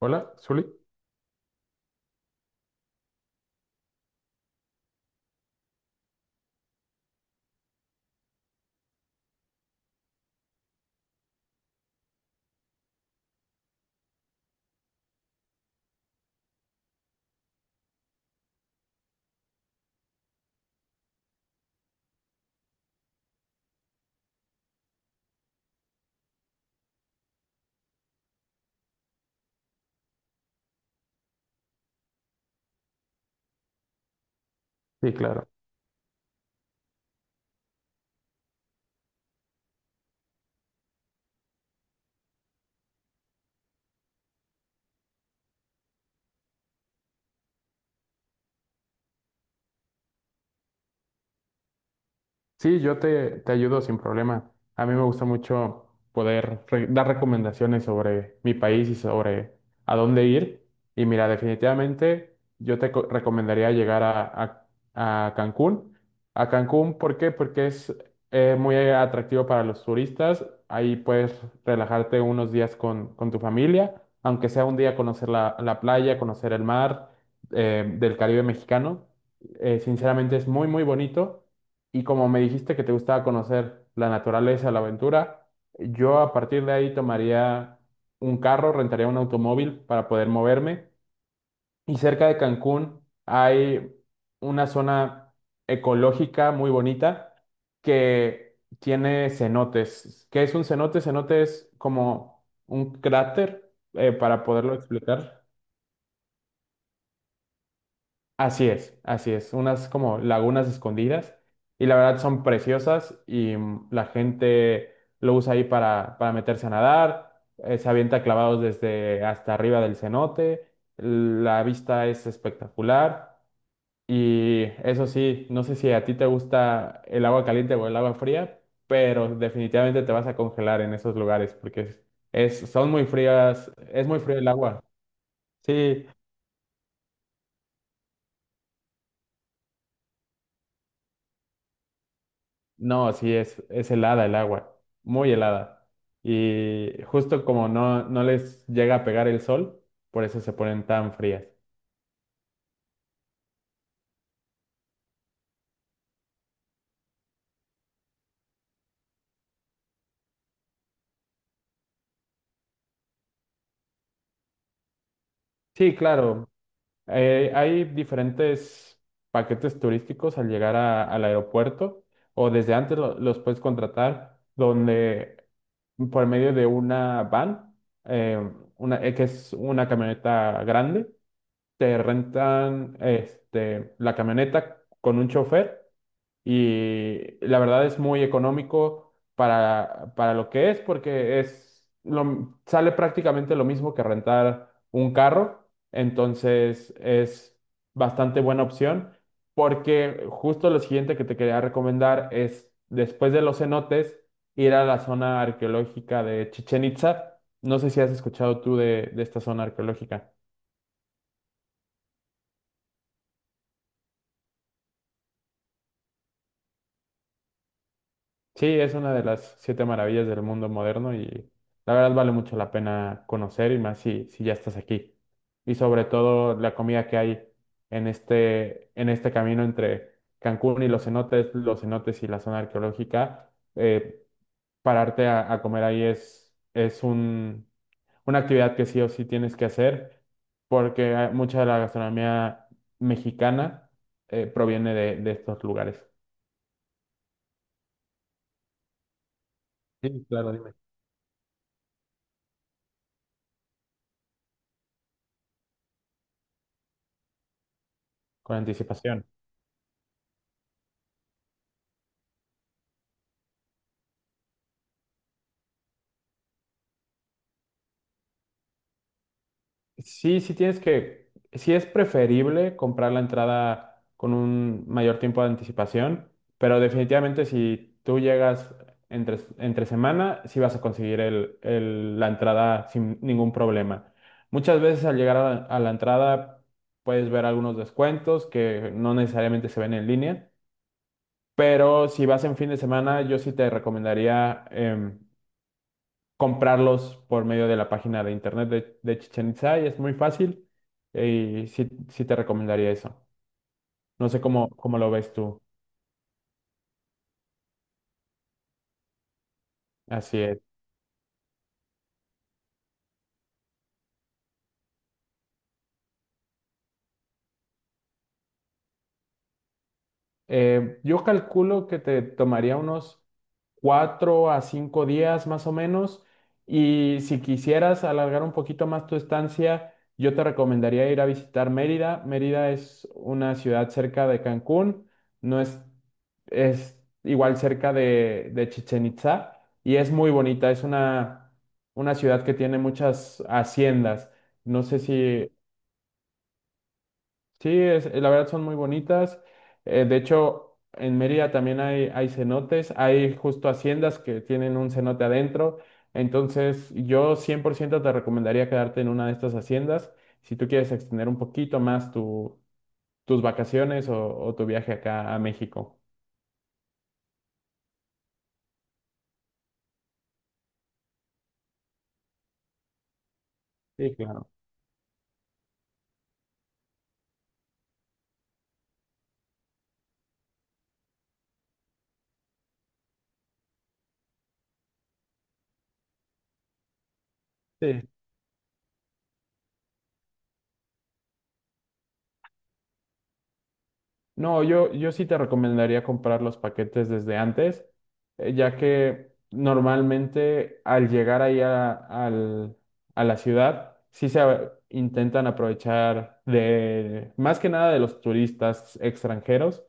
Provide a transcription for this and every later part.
Hola, Zuli. Sí, claro. Sí, yo te ayudo sin problema. A mí me gusta mucho poder dar recomendaciones sobre mi país y sobre a dónde ir. Y mira, definitivamente yo te recomendaría llegar a Cancún. A Cancún, ¿por qué? Porque es muy atractivo para los turistas. Ahí puedes relajarte unos días con tu familia, aunque sea un día conocer la playa, conocer el mar del Caribe mexicano. Sinceramente es muy, muy bonito. Y como me dijiste que te gustaba conocer la naturaleza, la aventura, yo a partir de ahí tomaría un carro, rentaría un automóvil para poder moverme. Y cerca de Cancún hay una zona ecológica muy bonita que tiene cenotes. ¿Qué es un cenote? Cenote es como un cráter, para poderlo explicar. Así es, así es. Unas como lagunas escondidas y la verdad son preciosas y la gente lo usa ahí para meterse a nadar, se avienta clavados desde hasta arriba del cenote, la vista es espectacular y eso sí, no sé si a ti te gusta el agua caliente o el agua fría, pero definitivamente te vas a congelar en esos lugares porque son muy frías, es muy frío el agua. Sí, no, sí, es helada el agua, muy helada. Y justo como no les llega a pegar el sol, por eso se ponen tan frías. Sí, claro, hay diferentes paquetes turísticos al llegar al aeropuerto o desde antes los puedes contratar donde por medio de una van, eh, que es una camioneta grande, te rentan este, la camioneta con un chofer y la verdad es muy económico para lo que es, porque es lo, sale prácticamente lo mismo que rentar un carro, entonces es bastante buena opción, porque justo lo siguiente que te quería recomendar es, después de los cenotes, ir a la zona arqueológica de Chichen Itza. No sé si has escuchado tú de esta zona arqueológica. Sí, es una de las siete maravillas del mundo moderno y la verdad vale mucho la pena conocer y más si, si ya estás aquí. Y sobre todo la comida que hay en este camino entre Cancún y los cenotes y la zona arqueológica, pararte a comer ahí es una actividad que sí o sí tienes que hacer porque mucha de la gastronomía mexicana proviene de estos lugares. Sí, claro, dime. Con anticipación. Sí, sí es preferible comprar la entrada con un mayor tiempo de anticipación, pero definitivamente si tú llegas entre semana, sí vas a conseguir la entrada sin ningún problema. Muchas veces al llegar a la entrada puedes ver algunos descuentos que no necesariamente se ven en línea, pero si vas en fin de semana, yo sí te recomendaría comprarlos por medio de la página de internet de Chichén Itzá y es muy fácil y sí, sí te recomendaría eso. No sé cómo lo ves tú. Así es. Yo calculo que te tomaría unos 4 a 5 días más o menos. Y si quisieras alargar un poquito más tu estancia, yo te recomendaría ir a visitar Mérida. Mérida es una ciudad cerca de Cancún, no es, es igual cerca de Chichén Itzá y es muy bonita. Es una ciudad que tiene muchas haciendas. No sé si… Sí, la verdad son muy bonitas. De hecho, en Mérida también hay cenotes, hay justo haciendas que tienen un cenote adentro. Entonces, yo 100% te recomendaría quedarte en una de estas haciendas. Si tú quieres extender un poquito más tus vacaciones o tu viaje acá a México. Sí, claro. Sí, no, yo sí te recomendaría comprar los paquetes desde antes, ya que normalmente al llegar ahí a la ciudad, intentan aprovechar de más que nada de los turistas extranjeros.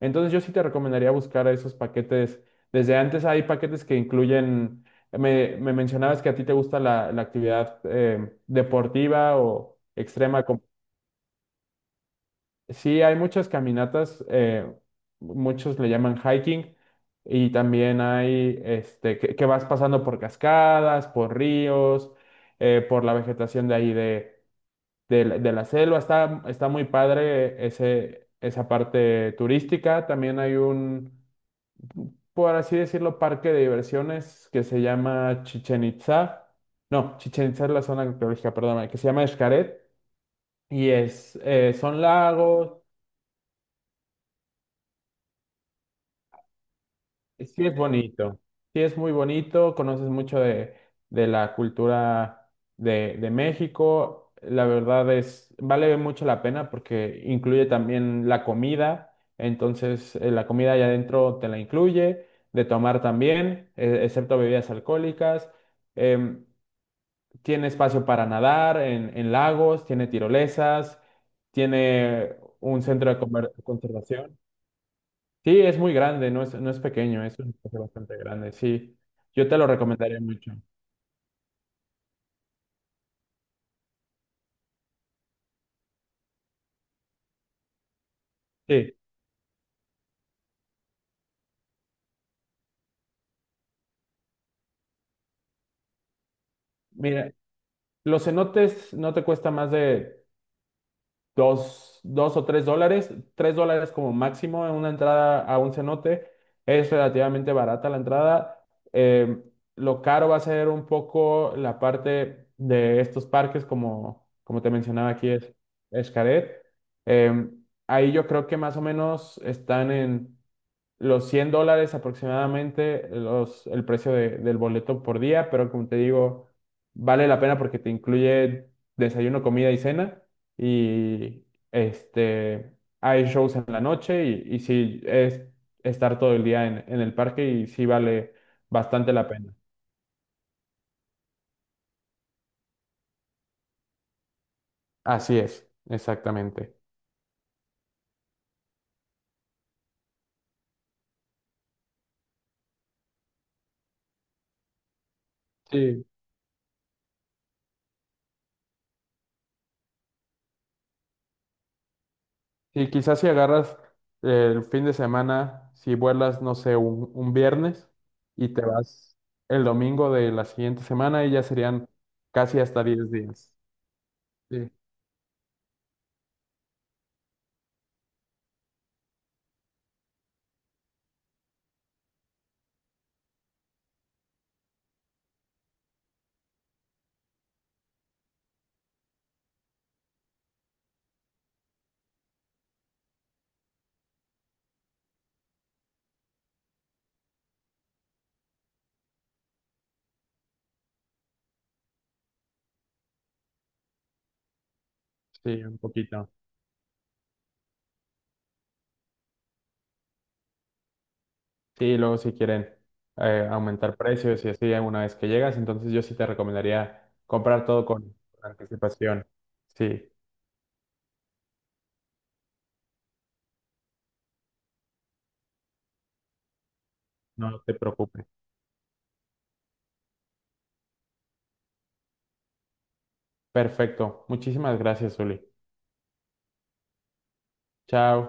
Entonces yo sí te recomendaría buscar esos paquetes desde antes. Hay paquetes que incluyen, me mencionabas que a ti te gusta la actividad deportiva o extrema. Sí, hay muchas caminatas, muchos le llaman hiking, y también hay este, que vas pasando por cascadas, por ríos, por la vegetación de ahí de la selva. Está muy padre esa parte turística. También hay un, por así decirlo, parque de diversiones que se llama Chichen Itza. No, Chichen Itza es la zona arqueológica, perdóname, que se llama Xcaret. Y es, son lagos. Sí, es bonito. Sí, es muy bonito. Conoces mucho de la cultura de México. La verdad es, vale mucho la pena porque incluye también la comida. Entonces, la comida allá adentro te la incluye, de tomar también, excepto bebidas alcohólicas. Em, Tiene espacio para nadar en lagos, tiene tirolesas, tiene un centro de conservación. Sí, es muy grande, no es pequeño, es un espacio bastante grande, sí. Yo te lo recomendaría mucho. Sí, mira, los cenotes no te cuesta más de $2 o $3, $3 como máximo en una entrada a un cenote. Es relativamente barata la entrada. Eh, lo caro va a ser un poco la parte de estos parques, como te mencionaba aquí, es Xcaret. Eh, Ahí yo creo que más o menos están en los $100 aproximadamente el precio del boleto por día, pero como te digo, vale la pena porque te incluye desayuno, comida y cena y este, hay shows en la noche y sí es estar todo el día en el parque y sí vale bastante la pena. Así es, exactamente. Sí, y quizás si agarras el fin de semana, si vuelas, no sé, un viernes y te vas el domingo de la siguiente semana y ya serían casi hasta 10 días. Sí, sí, un poquito. Sí, luego si quieren aumentar precios y así una vez que llegas, entonces yo sí te recomendaría comprar todo con anticipación. Sí, no te preocupes. Perfecto. Muchísimas gracias, Uli. Chao.